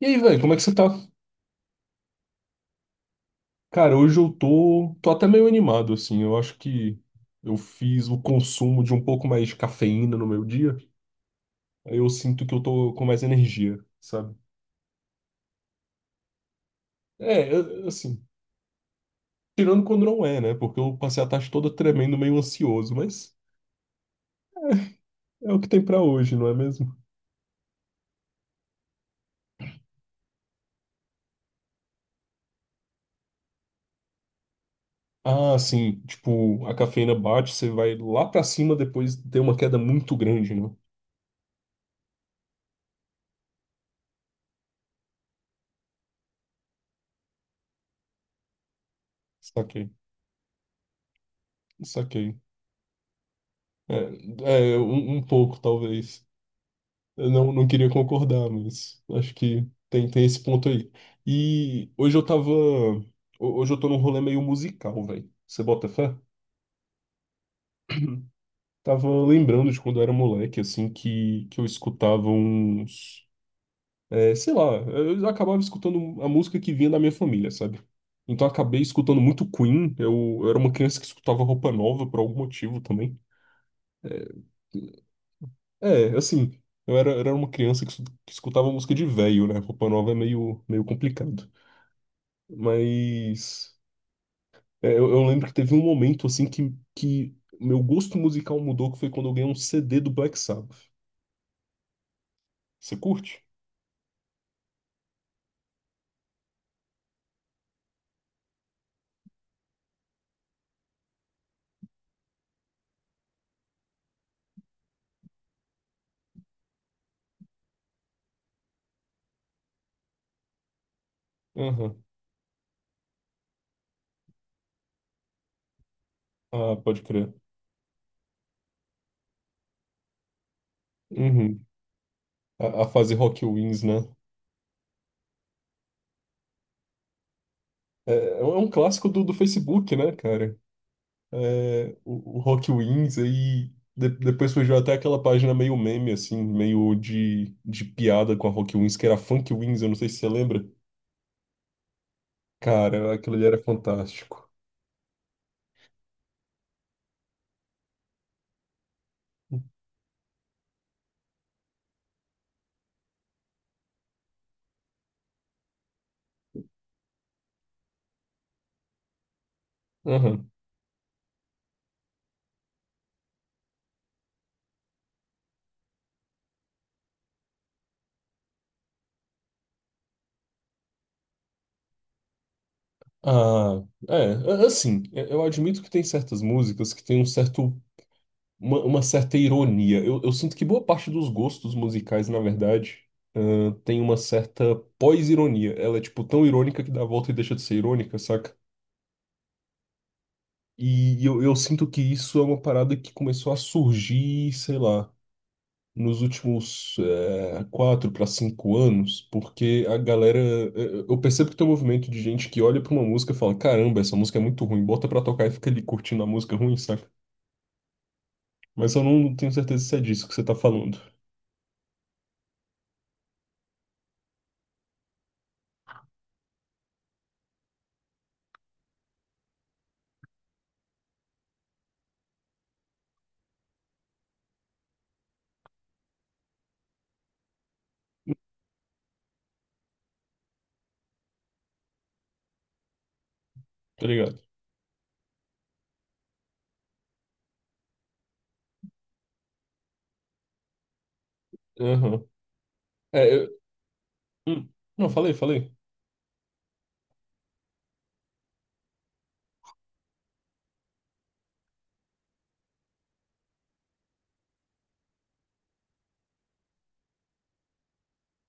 E aí, velho, como é que você tá? Cara, hoje eu tô até meio animado, assim. Eu acho que eu fiz o consumo de um pouco mais de cafeína no meu dia. Aí eu sinto que eu tô com mais energia, sabe? É, assim, tirando quando não é, né? Porque eu passei a tarde toda tremendo, meio ansioso, mas é o que tem pra hoje, não é mesmo? Ah, sim, tipo, a cafeína bate, você vai lá pra cima, depois tem uma queda muito grande, né? Saquei, saquei. É um pouco, talvez. Eu não queria concordar, mas acho que tem esse ponto aí. E hoje eu tava. ho- Hoje eu tô num rolê meio musical, velho. Você bota fé? Tava lembrando de quando eu era moleque, assim, que eu escutava uns. É, sei lá, eu acabava escutando a música que vinha da minha família, sabe? Então eu acabei escutando muito Queen. Eu era uma criança que escutava Roupa Nova por algum motivo também. É, assim, eu era uma criança que escutava música de velho, né? Roupa Nova é meio, meio complicado. Mas é, eu lembro que teve um momento assim que meu gosto musical mudou, que foi quando eu ganhei um CD do Black Sabbath. Você curte? Aham. Ah, pode crer. Uhum. A fase Rock Wins, né? É um clássico do Facebook, né, cara? É, o Rock Wins aí. Depois surgiu até aquela página meio meme, assim, meio de piada com a Rock Wins, que era Funk Wins, eu não sei se você lembra. Cara, aquilo ali era fantástico. Aham. Ah, é, assim, eu admito que tem certas músicas que tem um certo, uma certa ironia. Eu sinto que boa parte dos gostos musicais, na verdade, ah, tem uma certa pós-ironia. Ela é, tipo, tão irônica que dá a volta e deixa de ser irônica, saca? E eu sinto que isso é uma parada que começou a surgir, sei lá, nos últimos 4 para 5 anos, porque a galera. Eu percebo que tem um movimento de gente que olha para uma música e fala: caramba, essa música é muito ruim, bota pra tocar e fica ali curtindo a música ruim, saca? Mas eu não tenho certeza se é disso que você tá falando, tá ligado? Aham. É, eu. Hum. Não, falei, falei.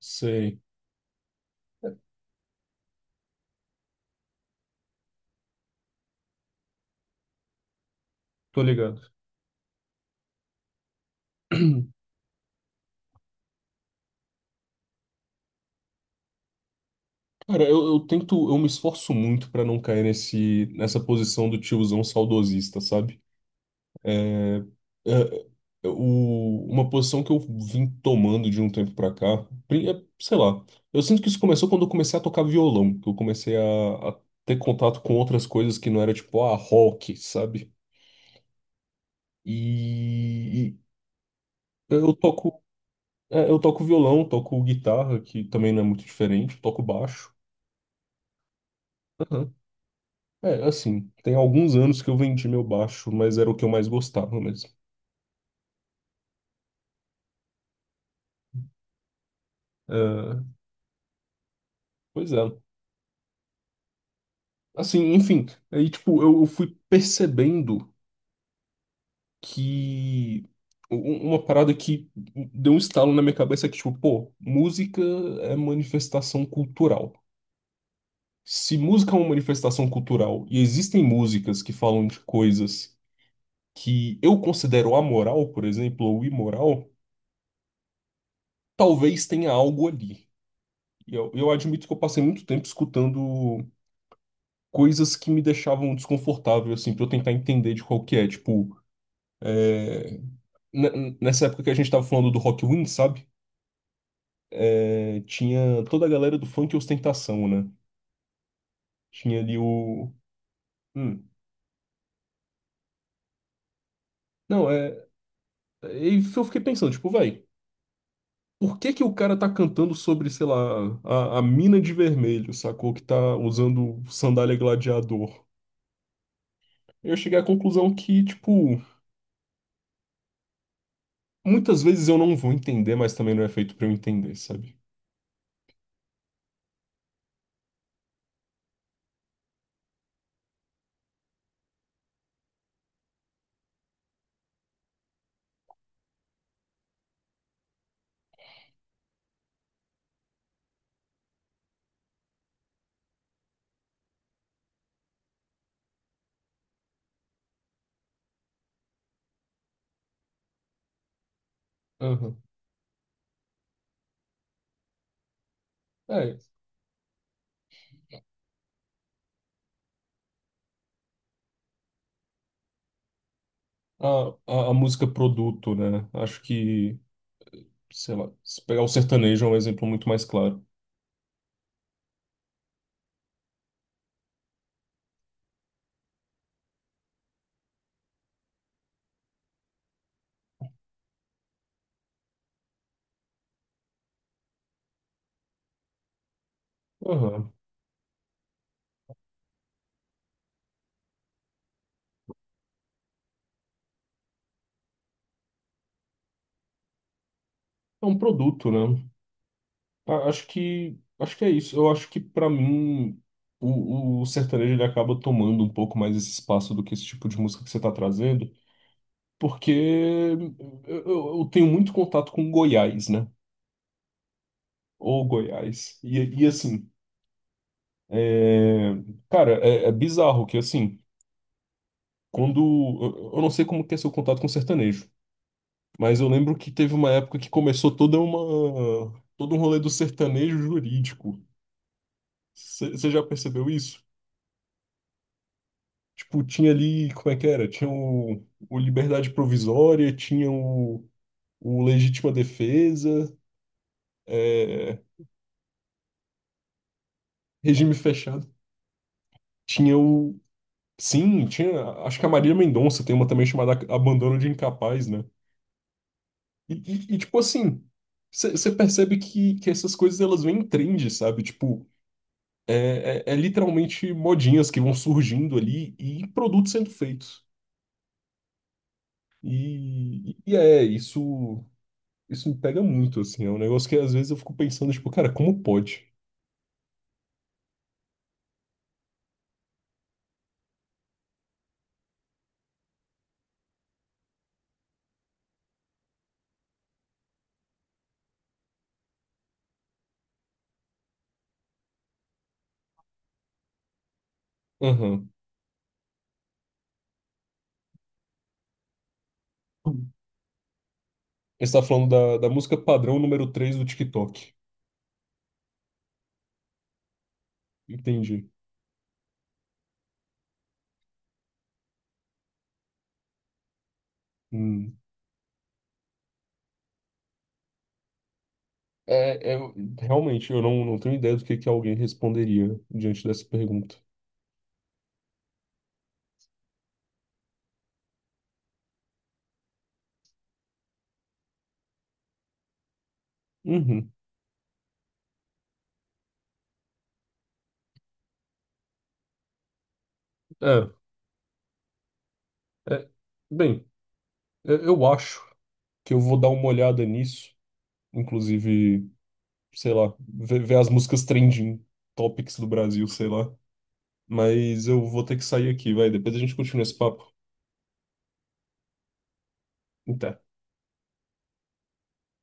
Sei, tô ligado. Cara, eu tento, eu me esforço muito pra não cair nesse, nessa posição do tiozão saudosista, sabe? É, é, uma posição que eu vim tomando de um tempo pra cá, é, sei lá, eu sinto que isso começou quando eu comecei a tocar violão, que eu comecei a ter contato com outras coisas que não era tipo, ah, rock, sabe? E eu toco, eu toco violão, toco guitarra, que também não é muito diferente, toco baixo. Aham. É, assim, tem alguns anos que eu vendi meu baixo, mas era o que eu mais gostava mesmo. É, pois é. Assim, enfim, aí, tipo, eu fui percebendo que u- uma parada que deu um estalo na minha cabeça é que, tipo, pô, música é manifestação cultural. Se música é uma manifestação cultural e existem músicas que falam de coisas que eu considero amoral, por exemplo, ou imoral, talvez tenha algo ali. E eu admito que eu passei muito tempo escutando coisas que me deixavam desconfortável, assim, pra eu tentar entender de qual que é, tipo. eh, nessa época que a gente tava falando do Rock Wind, sabe? É, tinha toda a galera do funk e ostentação, né? Tinha ali o. Hum. Não, é. E eu fiquei pensando, tipo, vai, por que que o cara tá cantando sobre, sei lá, a mina de vermelho, sacou? Que tá usando sandália gladiador. Eu cheguei à conclusão que, tipo, muitas vezes eu não vou entender, mas também não é feito pra eu entender, sabe? Aham. É, a música produto, né? Acho que sei lá, se pegar o sertanejo é um exemplo muito mais claro. Aham. É um produto, né? Acho que é isso. Eu acho que pra mim o sertanejo ele acaba tomando um pouco mais esse espaço do que esse tipo de música que você tá trazendo, porque eu tenho muito contato com Goiás, né? Ou Goiás. E assim, é, cara, é bizarro que assim, quando eu não sei como que é seu contato com sertanejo. Mas eu lembro que teve uma época que começou toda todo um rolê do sertanejo jurídico. Você já percebeu isso? Tipo, tinha ali, como é que era? Tinha o Liberdade Provisória, tinha o Legítima Defesa, é, Regime Fechado. Tinha o. Sim, tinha. Acho que a Maria Mendonça tem uma também chamada Abandono de Incapaz, né? E, tipo assim, você percebe que essas coisas elas vêm em trend, sabe? Tipo, É literalmente modinhas que vão surgindo ali e produtos sendo feitos. E é, isso me pega muito, assim. É um negócio que às vezes eu fico pensando, tipo, cara, como pode? Aham. Você tá falando da música padrão número 3 do TikTok. Entendi. Hum. É, é- realmente, eu não tenho ideia do que alguém responderia diante dessa pergunta. Uhum. É, é, bem, eu acho que eu vou dar uma olhada nisso. Inclusive, sei lá, ver as músicas trending topics do Brasil, sei lá. Mas eu vou ter que sair aqui, vai. Depois a gente continua esse papo. Até.